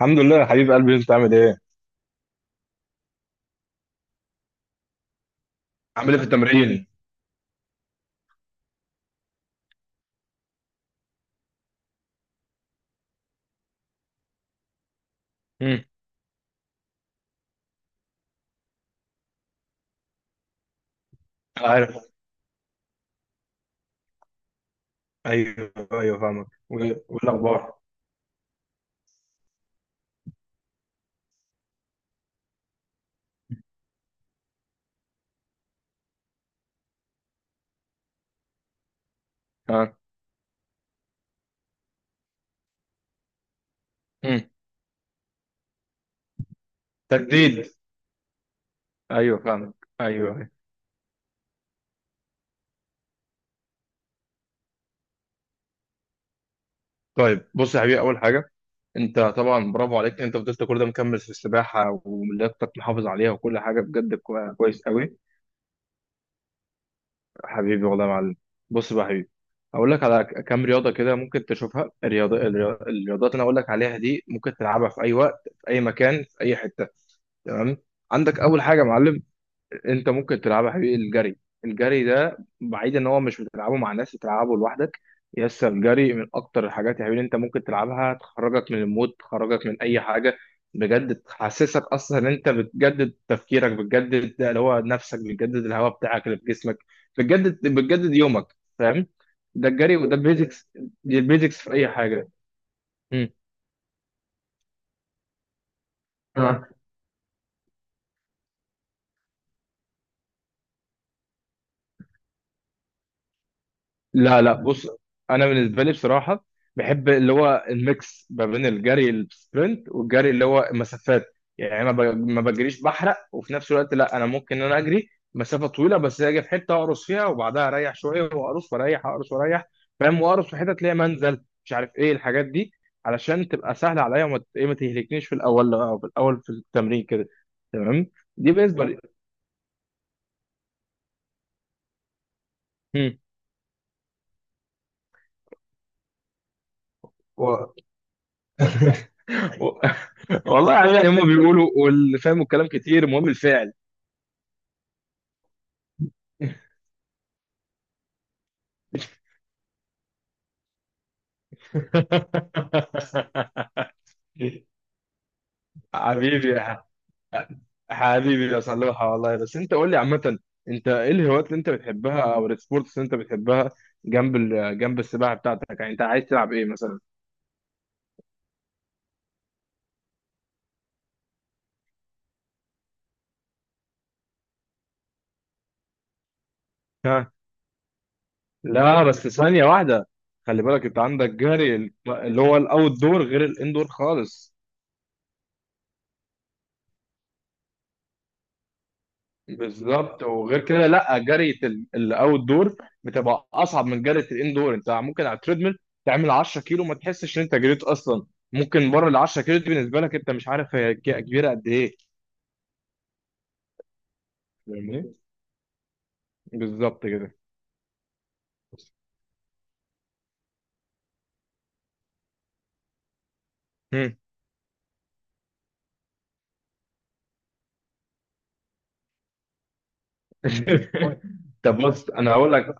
الحمد لله يا حبيب قلبي، انت عامل ايه؟ عامل ايه في التمرين؟ مم. انا عارف. ايوه ايوه فاهمك. والاخبار؟ ها. مم. تجديد. ايوه فاهمك. ايوه ايوه. طيب بص يا حبيبي، اول حاجه، انت طبعا برافو عليك، انت فضلت كل ده مكمل في السباحه ولياقتك محافظ عليها وكل حاجه بجد كويس قوي. حبيبي والله يا معلم. بص بقى يا حبيبي، هقول لك على كام رياضه كده ممكن تشوفها. الرياضه الرياضات اللي انا هقول لك عليها دي ممكن تلعبها في اي وقت، في اي مكان، في اي حته. تمام. عندك اول حاجه يا معلم، انت ممكن تلعبها يا حبيبي: الجري. الجري ده بعيد ان هو مش بتلعبه مع ناس، بتلعبه لوحدك. يس، الجري من اكتر الحاجات يا حبيبي اللي انت ممكن تلعبها، تخرجك من المود، تخرجك من اي حاجه، بجد تحسسك اصلا ان انت بتجدد تفكيرك، بتجدد اللي هو نفسك، بتجدد الهواء بتاعك اللي في جسمك، بتجدد بتجدد يومك. فاهم؟ ده الجري، وده البيزكس. دي البيزكس في اي حاجه. مم. لا لا بص، انا بالنسبه لي بصراحه بحب اللي هو الميكس ما بين الجري السبرنت والجري اللي هو مسافات. يعني ما بجريش بحرق، وفي نفس الوقت لا، انا ممكن ان انا اجري مسافه طويله، بس اجي في حته اقرص فيها وبعدها اريح شويه، واقرص واريح، اقرص واريح. فاهم؟ واقرص في حته تلاقي منزل مش عارف ايه الحاجات دي، علشان تبقى سهله عليا، وما ت- ايه ما تهلكنيش في الاول، أو في الاول في التمرين كده. تمام. دي بالنسبه لي. مم. و... و... والله يعني هما بيقولوا، واللي فاهموا الكلام كتير، المهم الفعل. حبيبي يا ح- حبيبي يا صلاح، والله. بس انت قول لي عامة، انت ايه الهوايات اللي انت بتحبها او السبورتس اللي انت بتحبها جنب جنب السباحة بتاعتك؟ يعني انت عايز تلعب ايه مثلا؟ ها. لا بس ثانية واحدة. خلي بالك انت عندك جري اللي هو الاوت دور، غير الان دور خالص. بالظبط، وغير كده لا، جري الاوت دور بتبقى اصعب من جري الاندور. انت ممكن على التريدميل تعمل 10 كيلو ما تحسش ان انت جريت اصلا. ممكن بره ال 10 كيلو دي بالنسبه لك انت مش عارف هي كبيره قد ايه. فاهمني؟ بالظبط كده. مم. طب بص انا هقول لك.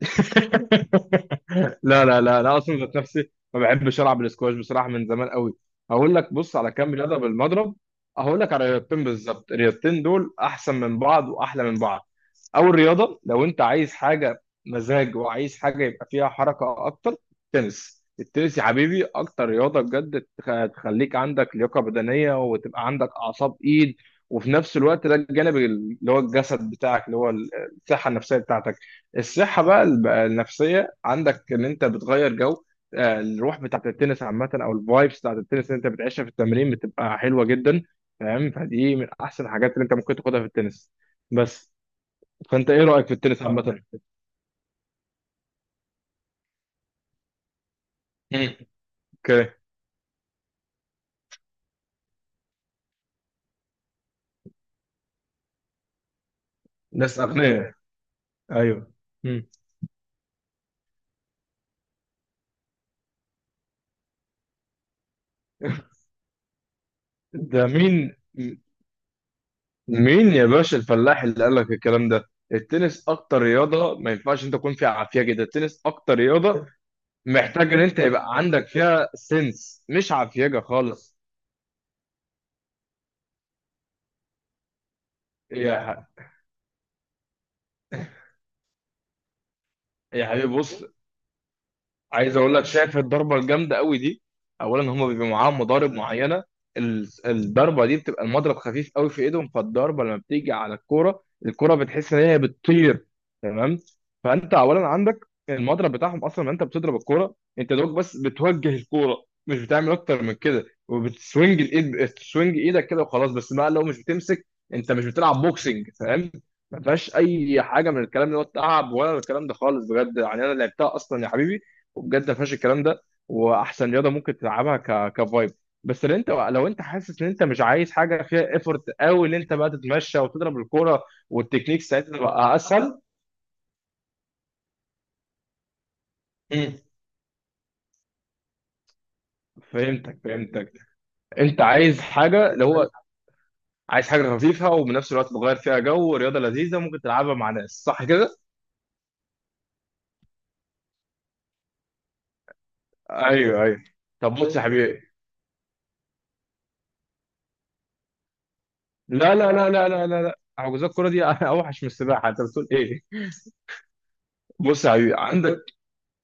لا لا لا، انا اصلا ذات نفسي ما بحبش العب الاسكواش بصراحه من زمان قوي. هقول لك، بص على كام رياضه بالمضرب. هقول لك على رياضتين بالظبط، الرياضتين دول احسن من بعض واحلى من بعض. اول رياضه، لو انت عايز حاجه مزاج وعايز حاجه يبقى فيها حركه اكتر: تنس. التنس يا حبيبي اكتر رياضه بجد تخليك عندك لياقه بدنيه، وتبقى عندك اعصاب ايد، وفي نفس الوقت ده الجانب اللي هو الجسد بتاعك، اللي هو الصحه النفسيه بتاعتك. الصحة بقى النفسية عندك، ان انت بتغير جو. الروح بتاعت التنس عامة، او الفايبس بتاعت التنس اللي انت بتعيشها في التمرين بتبقى حلوة جدا. فاهم؟ فدي من احسن الحاجات اللي انت ممكن تاخدها في التنس. بس فانت ايه رأيك في التنس عامة؟ مم. اوكي. ناس اغنياء. ايوه. مم. ده مين؟ مين يا باشا الفلاح اللي قال لك الكلام ده؟ التنس اكتر رياضة ما ينفعش انت تكون فيها عافية جدا، التنس اكتر رياضة محتاج ان انت يبقى عندك فيها سنس، مش عفيجة خالص. يا ح- يا حبيبي بص، عايز اقول لك، شايف الضربه الجامده قوي دي؟ اولا هم بيبقوا معاهم مضارب معينه. الضربه دي بتبقى المضرب خفيف قوي في ايدهم، فالضربه لما بتيجي على الكوره، الكوره بتحس ان هي بتطير. تمام. فانت اولا عندك المضرب بتاعهم، اصلا لما انت بتضرب الكوره انت دوك، بس بتوجه الكوره، مش بتعمل اكتر من كده، وبتسوينج الايد، بتسوينج ايدك كده وخلاص. بس بقى لو مش بتمسك، انت مش بتلعب بوكسنج. فاهم؟ ما فيهاش اي حاجه من الكلام ده، ولا تعب ولا الكلام ده خالص، بجد يعني انا لعبتها اصلا يا حبيبي، وبجد ما فيهاش الكلام ده. واحسن رياضه ممكن تلعبها ك كفايب. بس لو انت، لو انت حاسس ان انت مش عايز حاجه فيها ايفورت قوي، ان انت بقى تتمشى وتضرب الكوره، والتكنيك ساعتها تبقى اسهل. مم. فهمتك فهمتك، انت عايز حاجه اللي هو، عايز حاجه خفيفه، وبنفس الوقت بغير فيها جو رياضه لذيذه ممكن تلعبها مع ناس، صح كده؟ ايوه ايوه. طب بص يا حبيبي، لا لا لا لا لا لا لا، حجوزات الكوره دي اوحش من السباحه، انت بتقول ايه؟ بص يا حبيبي، عندك،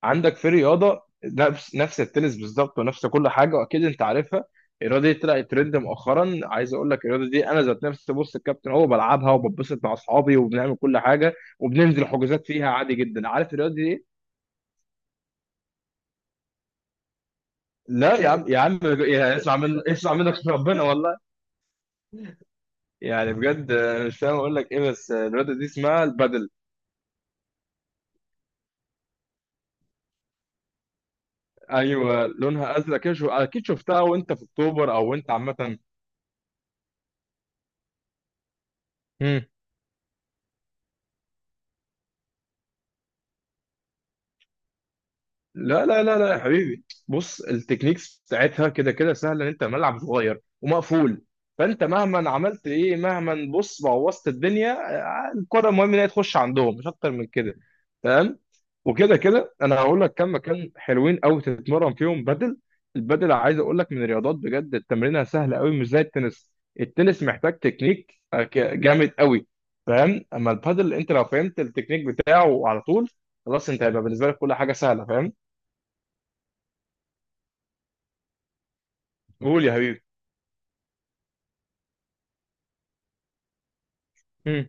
عندك في رياضه نفس التنس بالظبط ونفس كل حاجه، واكيد انت عارفها. الرياضه دي طلعت ترند مؤخرا. عايز اقول لك الرياضه دي، انا ذات نفسي بص الكابتن هو بلعبها، وببسط مع اصحابي، وبنعمل كل حاجه، وبننزل حجوزات فيها عادي جدا. عارف الرياضه دي إيه؟ لا يا عم، يا عم يا، اسمع من، اسمع منك ربنا والله، يعني بجد انا مش فاهم اقول لك ايه، بس الرياضه دي اسمها البادل. ايوه، لونها ازرق كده اكيد شفتها وانت في اكتوبر او وانت عامه. لا لا لا لا يا حبيبي بص، التكنيكس بتاعتها كده كده سهله، ان انت ملعب صغير ومقفول. فانت مهما عملت ايه، مهما بص بوظت الدنيا، الكره المهم ان هي تخش عندهم مش اكتر من كده. تمام. وكده كده انا هقول لك كم مكان حلوين قوي تتمرن فيهم بدل. البدل عايز اقول لك من الرياضات بجد التمرينها سهله قوي، مش زي التنس. التنس محتاج تكنيك جامد قوي. فاهم؟ اما البادل، انت لو فهمت التكنيك بتاعه على طول، خلاص، انت هيبقى بالنسبه لك كل حاجه سهله. فاهم؟ قول يا حبيبي. امم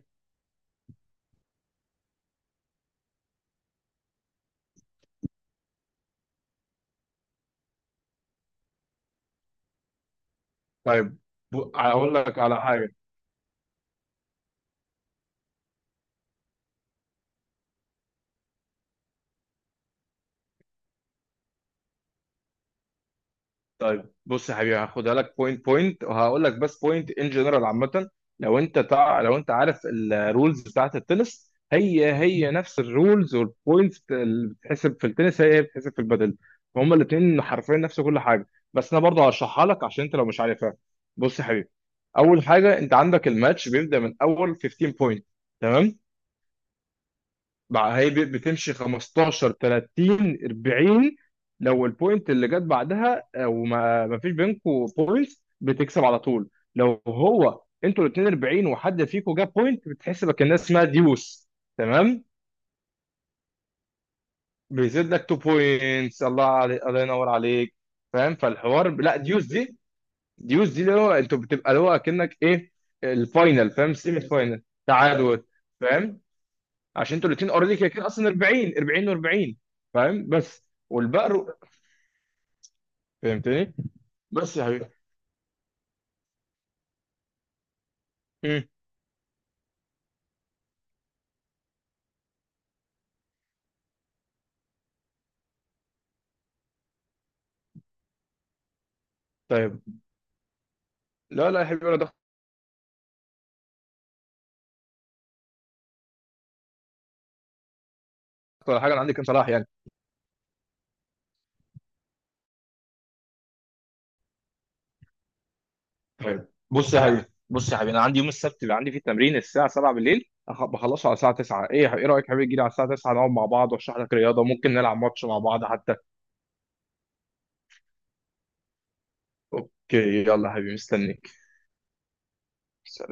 طيب، هقول لك على حاجه. طيب بص يا حبيبي، هاخدها لك بوينت بوينت، وهقول لك بس بوينت ان جنرال عامه. لو انت عارف الرولز بتاعت التنس، هي هي نفس الرولز، والبوينتس اللي بتحسب في التنس هي هي بتحسب في البادل. فهم الاثنين حرفيا نفس كل حاجه. بس انا برضه هشرحها لك عشان انت لو مش عارفها. بص يا حبيبي، اول حاجه، انت عندك الماتش بيبدا من اول 15 بوينت. تمام. بقى هي بتمشي 15، 30، 40. لو البوينت اللي جت بعدها، او ما ما فيش بينكم بوينت، بتكسب على طول. لو هو انتوا الاثنين 40 وحد فيكم جاب بوينت بتحسبك الناس اسمها ديوس. تمام، بيزيد لك 2 بوينتس. الله عليك، الله ينور عليك. فاهم؟ لا، ديوس دي، ديوس دي اللي هو انتوا بتبقى اللي هو اكنك ايه، الفاينل. فاهم؟ سيمي فاينل، تعادل. فاهم؟ عشان انتوا الاثنين اوريدي كده كده اصلا 40 40 و40. فاهم؟ بس. والبقر. فهمتني؟ بس يا حبيبي. مم. طيب، لا لا يا حبيبي، ولا ضغط ولا حاجه. انا عندي كام صلاح يعني. طيب بص يا حبيبي، بص يا حبيبي، انا عندي يوم السبت بيبقى عندي فيه تمرين الساعه 7 بالليل، بخلصه على الساعه 9. ايه يا حبيبي، ايه رايك يا حبيبي تجي لي على الساعه 9 نقعد مع بعض واشرح لك رياضه، ممكن نلعب ماتش مع بعض حتى. اوكي يلا يا حبيبي مستنيك. سلام.